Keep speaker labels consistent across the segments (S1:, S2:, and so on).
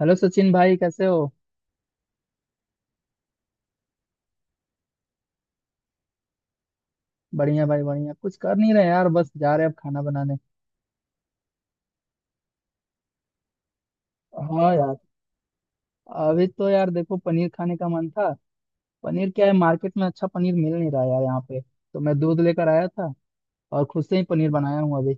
S1: Hello Sachin भाई, कैसे हो। बढ़िया भाई बढ़िया, कुछ कर नहीं रहे यार, बस जा रहे अब खाना बनाने। हाँ यार। अभी तो यार देखो पनीर खाने का मन था। पनीर क्या है, मार्केट में अच्छा पनीर मिल नहीं रहा यार, यहाँ पे तो मैं दूध लेकर आया था और खुद से ही पनीर बनाया हूँ अभी।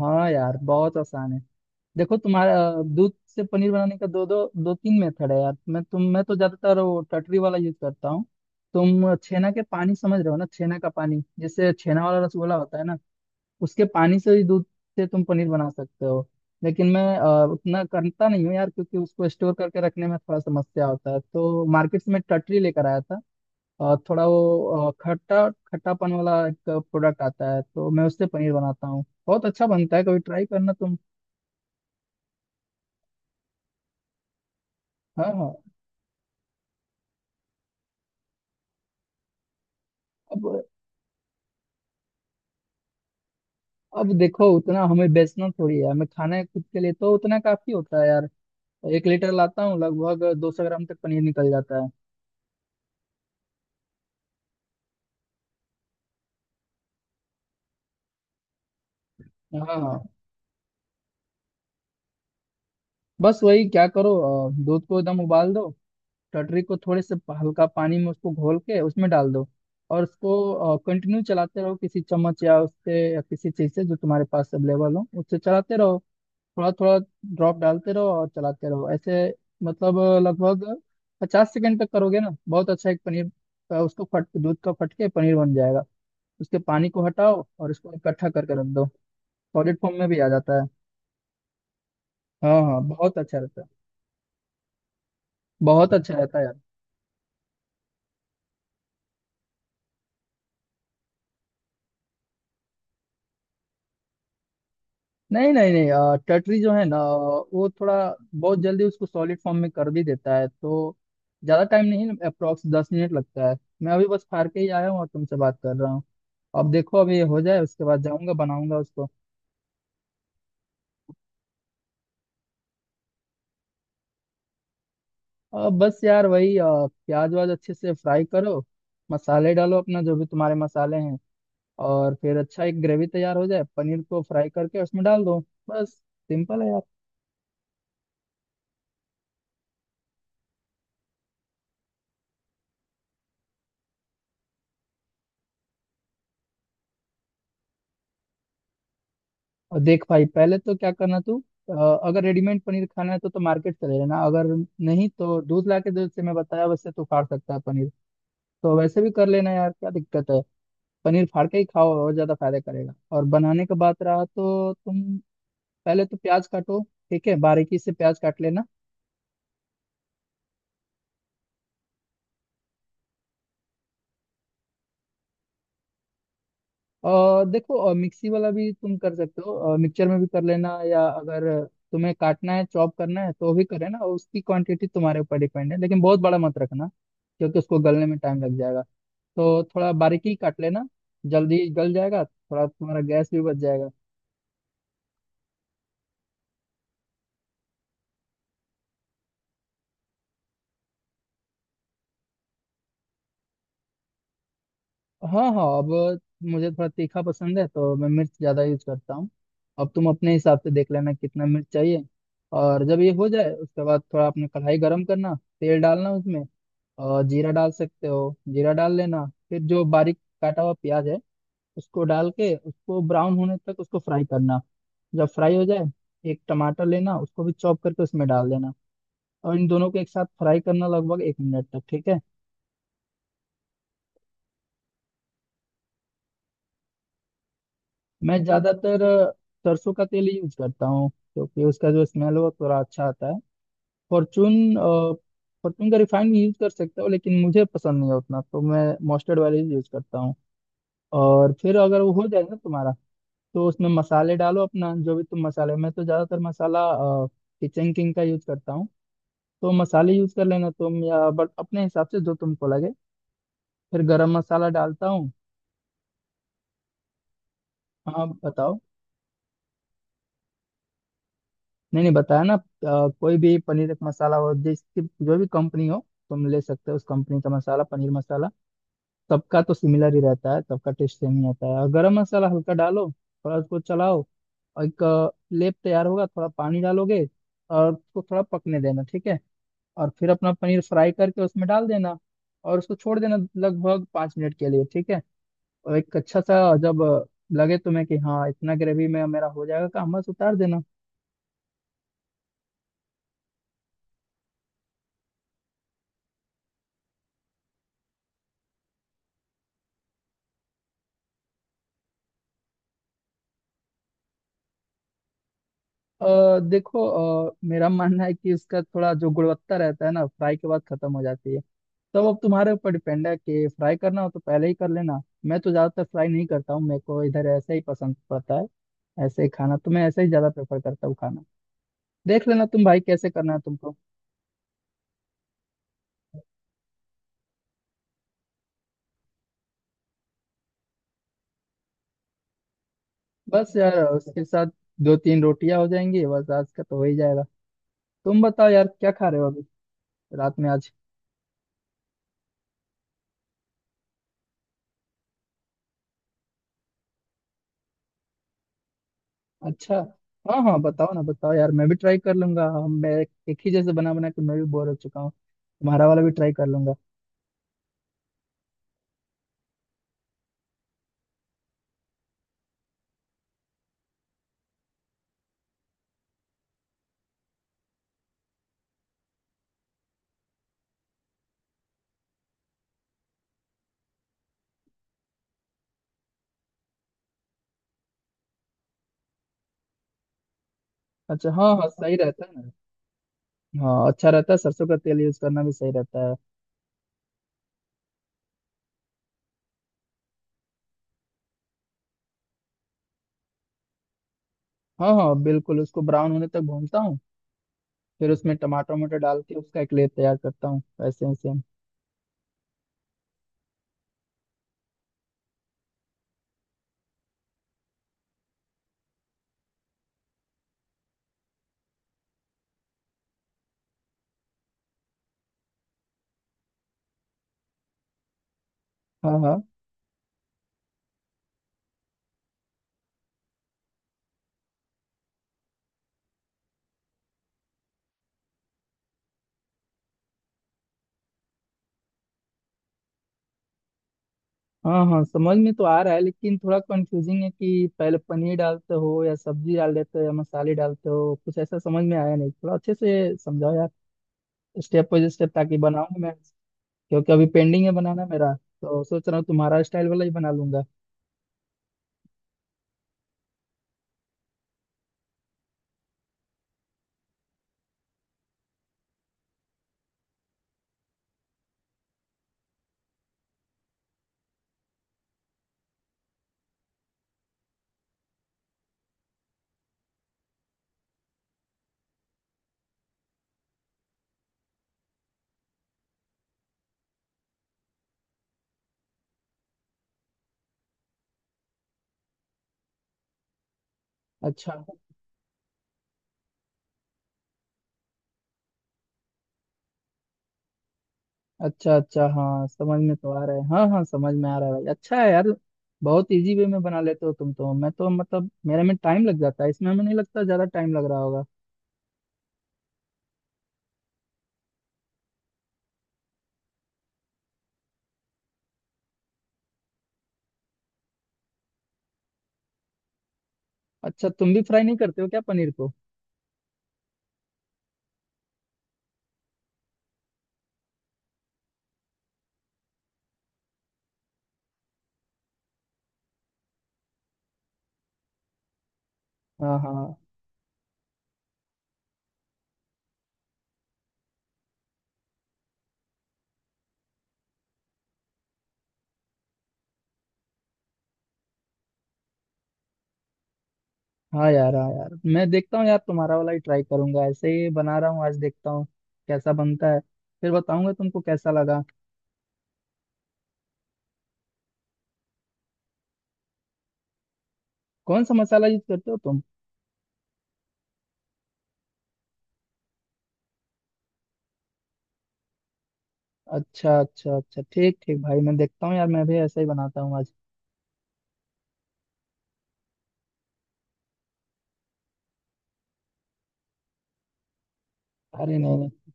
S1: हाँ यार बहुत आसान है। देखो, तुम्हारा दूध से पनीर बनाने का दो दो दो तीन मेथड है यार। मैं तो ज्यादातर वो टटरी वाला यूज करता हूँ। तुम छेना के पानी समझ रहे हो ना, छेना का पानी, जैसे छेना वाला रसगुल्ला होता है ना, उसके पानी से ही दूध से तुम पनीर बना सकते हो। लेकिन मैं उतना करता नहीं हूँ यार, क्योंकि उसको स्टोर करके रखने में थोड़ा समस्या होता है, तो मार्केट से मैं टटरी लेकर आया था। और थोड़ा वो खट्टा खट्टापन वाला एक प्रोडक्ट आता है, तो मैं उससे पनीर बनाता हूँ, बहुत अच्छा बनता है, कभी ट्राई करना तुम। हाँ हाँ। अब अब देखो, उतना हमें बेचना थोड़ी है, हमें खाना है खुद के लिए, तो उतना काफी होता है यार। 1 लीटर लाता हूँ, लगभग 200 ग्राम तक पनीर निकल जाता है। हाँ हाँ। बस वही क्या करो, दूध को एकदम उबाल दो, टटरी को थोड़े से हल्का पानी में उसको घोल के उसमें डाल दो, और उसको कंटिन्यू चलाते रहो, किसी चम्मच या उससे या किसी चीज से जो तुम्हारे पास अवेलेबल हो, उससे चलाते रहो। थोड़ा थोड़ा ड्रॉप डालते रहो और चलाते रहो ऐसे। मतलब लगभग 50 सेकंड तक करोगे ना, बहुत अच्छा एक पनीर का, उसको फट, दूध का फट के पनीर बन जाएगा। उसके पानी को हटाओ और इसको इकट्ठा करके रख दो। सॉलिड फॉर्म में भी आ जाता है। हाँ हाँ, बहुत अच्छा रहता है। बहुत अच्छा रहता है यार। नहीं नहीं नहीं। टटरी जो है ना, वो थोड़ा बहुत जल्दी उसको सॉलिड फॉर्म में कर भी देता है, तो ज़्यादा टाइम नहीं, अप्रोक्स 10 मिनट लगता है। मैं अभी बस फाड़ के ही आया हूँ और तुमसे बात कर रहा हूँ। अब देखो, अभी ये हो जाए उसके बाद जाऊंगा बनाऊंगा उसको। अब बस यार वही प्याज वाज अच्छे से फ्राई करो, मसाले डालो अपना जो भी तुम्हारे मसाले हैं, और फिर अच्छा एक ग्रेवी तैयार हो जाए, पनीर को फ्राई करके उसमें डाल दो। बस, सिंपल है यार। और देख भाई, पहले तो क्या करना तू, अ, अगर रेडीमेड पनीर खाना है तो मार्केट चले जाना, अगर नहीं तो दूध ला के, दूध से मैं बताया वैसे तो फाड़ सकता है पनीर, तो वैसे भी कर लेना यार, क्या दिक्कत है। पनीर फाड़ के ही खाओ और ज्यादा फायदा करेगा। और बनाने का बात रहा तो तुम पहले तो प्याज काटो, ठीक है, बारीकी से प्याज काट लेना। और देखो, मिक्सी वाला भी तुम कर सकते हो, मिक्सचर में भी कर लेना, या अगर तुम्हें काटना है, चॉप करना है, तो भी करे ना। उसकी क्वांटिटी तुम्हारे ऊपर डिपेंड है, लेकिन बहुत बड़ा मत रखना, क्योंकि उसको गलने में टाइम लग जाएगा। तो थोड़ा बारीकी काट लेना, जल्दी गल जाएगा, थोड़ा तुम्हारा गैस भी बच जाएगा। हाँ हाँ। अब मुझे थोड़ा तीखा पसंद है, तो मैं मिर्च ज़्यादा यूज करता हूँ। अब तुम अपने हिसाब से देख लेना कितना मिर्च चाहिए। और जब ये हो जाए, उसके बाद थोड़ा अपने कढ़ाई गरम करना, तेल डालना उसमें, और जीरा डाल सकते हो, जीरा डाल लेना। फिर जो बारीक काटा हुआ प्याज है, उसको डाल के उसको ब्राउन होने तक उसको फ्राई करना। जब फ्राई हो जाए, एक टमाटर लेना, उसको भी चॉप करके उसमें डाल देना, और इन दोनों को एक साथ फ्राई करना लगभग 1 मिनट तक, ठीक है। मैं ज्यादातर सरसों का तेल यूज करता हूँ, क्योंकि उसका जो स्मेल है वो थोड़ा अच्छा आता है। फॉर्चून, फॉर्चून का रिफाइंड भी यूज कर सकता हूँ, लेकिन मुझे पसंद नहीं है उतना, तो मैं मस्टर्ड वाले ही यूज करता हूँ। और फिर अगर वो हो जाए ना तुम्हारा, तो उसमें मसाले डालो अपना जो भी तुम मसाले। मैं तो ज्यादातर मसाला किचन किंग का यूज करता हूँ। तो मसाले यूज कर लेना तुम या बट अपने हिसाब से, जो तुमको लगे। फिर गरम मसाला डालता हूँ। हाँ बताओ। नहीं नहीं, बताया ना, कोई भी पनीर एक मसाला हो, जिसकी जो भी कंपनी हो, तुम ले सकते हो उस कंपनी का मसाला, पनीर मसाला। सबका तो सिमिलर ही रहता है, सबका टेस्ट सेम ही आता है। और गरम मसाला हल्का डालो, थोड़ा उसको चलाओ, और एक लेप तैयार होगा, थोड़ा पानी डालोगे और उसको थोड़ा पकने देना, ठीक है। और फिर अपना पनीर फ्राई करके उसमें डाल देना, और उसको छोड़ देना लगभग 5 मिनट के लिए, ठीक है। और एक अच्छा सा, जब लगे तुम्हें कि हाँ, इतना ग्रेवी में मेरा हो जाएगा काम, बस उतार देना। देखो, मेरा मानना है कि इसका थोड़ा जो गुणवत्ता रहता है ना, फ्राई के बाद खत्म हो जाती है। तब अब तुम्हारे ऊपर डिपेंड है कि फ्राई करना हो तो पहले ही कर लेना। मैं तो ज्यादातर फ्राई नहीं करता हूँ, मेरे को इधर ऐसे ही पसंद पड़ता है, ऐसे ही खाना, तो मैं ऐसे ही ज्यादा प्रेफर करता हूँ खाना। देख लेना तुम भाई, कैसे करना है तुमको। बस यार, उसके साथ दो तीन रोटियां हो जाएंगी, बस आज का तो हो ही जाएगा। तुम बताओ यार, क्या खा रहे हो अभी, रात में आज। अच्छा। हाँ हाँ, बताओ ना, बताओ यार, मैं भी ट्राई कर लूंगा। हम मैं एक ही जैसे बना बना के मैं भी बोर हो चुका हूँ, तुम्हारा वाला भी ट्राई कर लूंगा। अच्छा। हाँ हाँ, सही रहता है ना। हाँ अच्छा रहता है, सरसों का तेल यूज करना भी सही रहता है। हाँ हाँ बिल्कुल, उसको ब्राउन होने तक भूनता हूँ, फिर उसमें टमाटर वमाटर डाल के उसका एक लेयर तैयार करता हूँ, वैसे ही सेम। हाँ हाँ। हाँ हाँ, समझ में तो आ रहा है, लेकिन थोड़ा कंफ्यूजिंग है कि पहले पनीर डालते हो या सब्जी डाल देते हो या मसाले डालते हो, कुछ ऐसा समझ में आया नहीं। थोड़ा अच्छे से समझाओ यार, स्टेप बाय स्टेप, ताकि बनाऊं मैं, क्योंकि अभी पेंडिंग है बनाना मेरा। तो सोच रहा हूँ तुम्हारा स्टाइल वाला ही बना लूंगा। अच्छा अच्छा अच्छा। हाँ समझ में तो आ रहा है, हाँ हाँ समझ में आ रहा है भाई, अच्छा है यार, बहुत इजी वे में बना लेते हो तुम तो। मैं तो मतलब, मेरे में टाइम लग जाता है इसमें, हमें नहीं लगता ज्यादा टाइम लग रहा होगा। अच्छा, तुम भी फ्राई नहीं करते हो क्या पनीर को। हाँ हाँ। हाँ यार, हाँ यार, मैं देखता हूँ यार, तुम्हारा वाला ही ट्राई करूंगा, ऐसे ही बना रहा हूँ आज, देखता हूँ कैसा बनता है। फिर बताऊंगा तुमको कैसा लगा। कौन सा मसाला यूज करते हो तुम। अच्छा अच्छा अच्छा, ठीक ठीक भाई, मैं देखता हूँ यार, मैं भी ऐसा ही बनाता हूँ आज। अरे नहीं नहीं,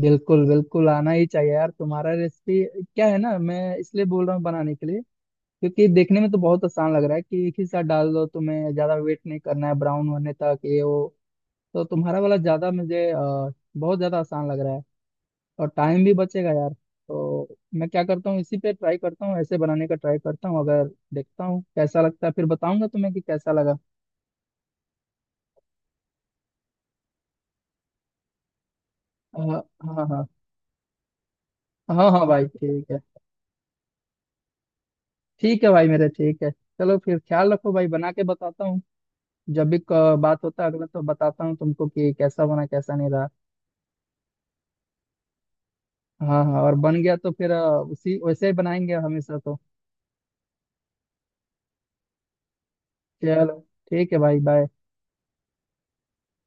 S1: बिल्कुल बिल्कुल आना ही चाहिए यार तुम्हारा रेसिपी, क्या है ना, मैं इसलिए बोल रहा हूँ बनाने के लिए, क्योंकि देखने में तो बहुत आसान लग रहा है, कि एक ही साथ डाल दो, तुम्हें ज्यादा वेट नहीं करना है ब्राउन होने तक, ये वो। तो तुम्हारा वाला ज्यादा मुझे बहुत ज्यादा आसान लग रहा है, और टाइम भी बचेगा यार। तो मैं क्या करता हूँ, इसी पे ट्राई करता हूँ, ऐसे बनाने का ट्राई करता हूँ अगर, देखता हूँ कैसा लगता है, फिर बताऊंगा तुम्हें कि कैसा लगा। हाँ हाँ। हाँ हाँ भाई ठीक है। ठीक है भाई मेरे, ठीक है, चलो फिर ख्याल रखो भाई, बना के बताता हूँ। जब भी बात होता है अगला, तो बताता हूँ तुमको कि कैसा बना, कैसा नहीं रहा। हाँ हाँ, और बन गया तो फिर उसी वैसे ही बनाएंगे हमेशा तो। चलो, ठीक है भाई, बाय।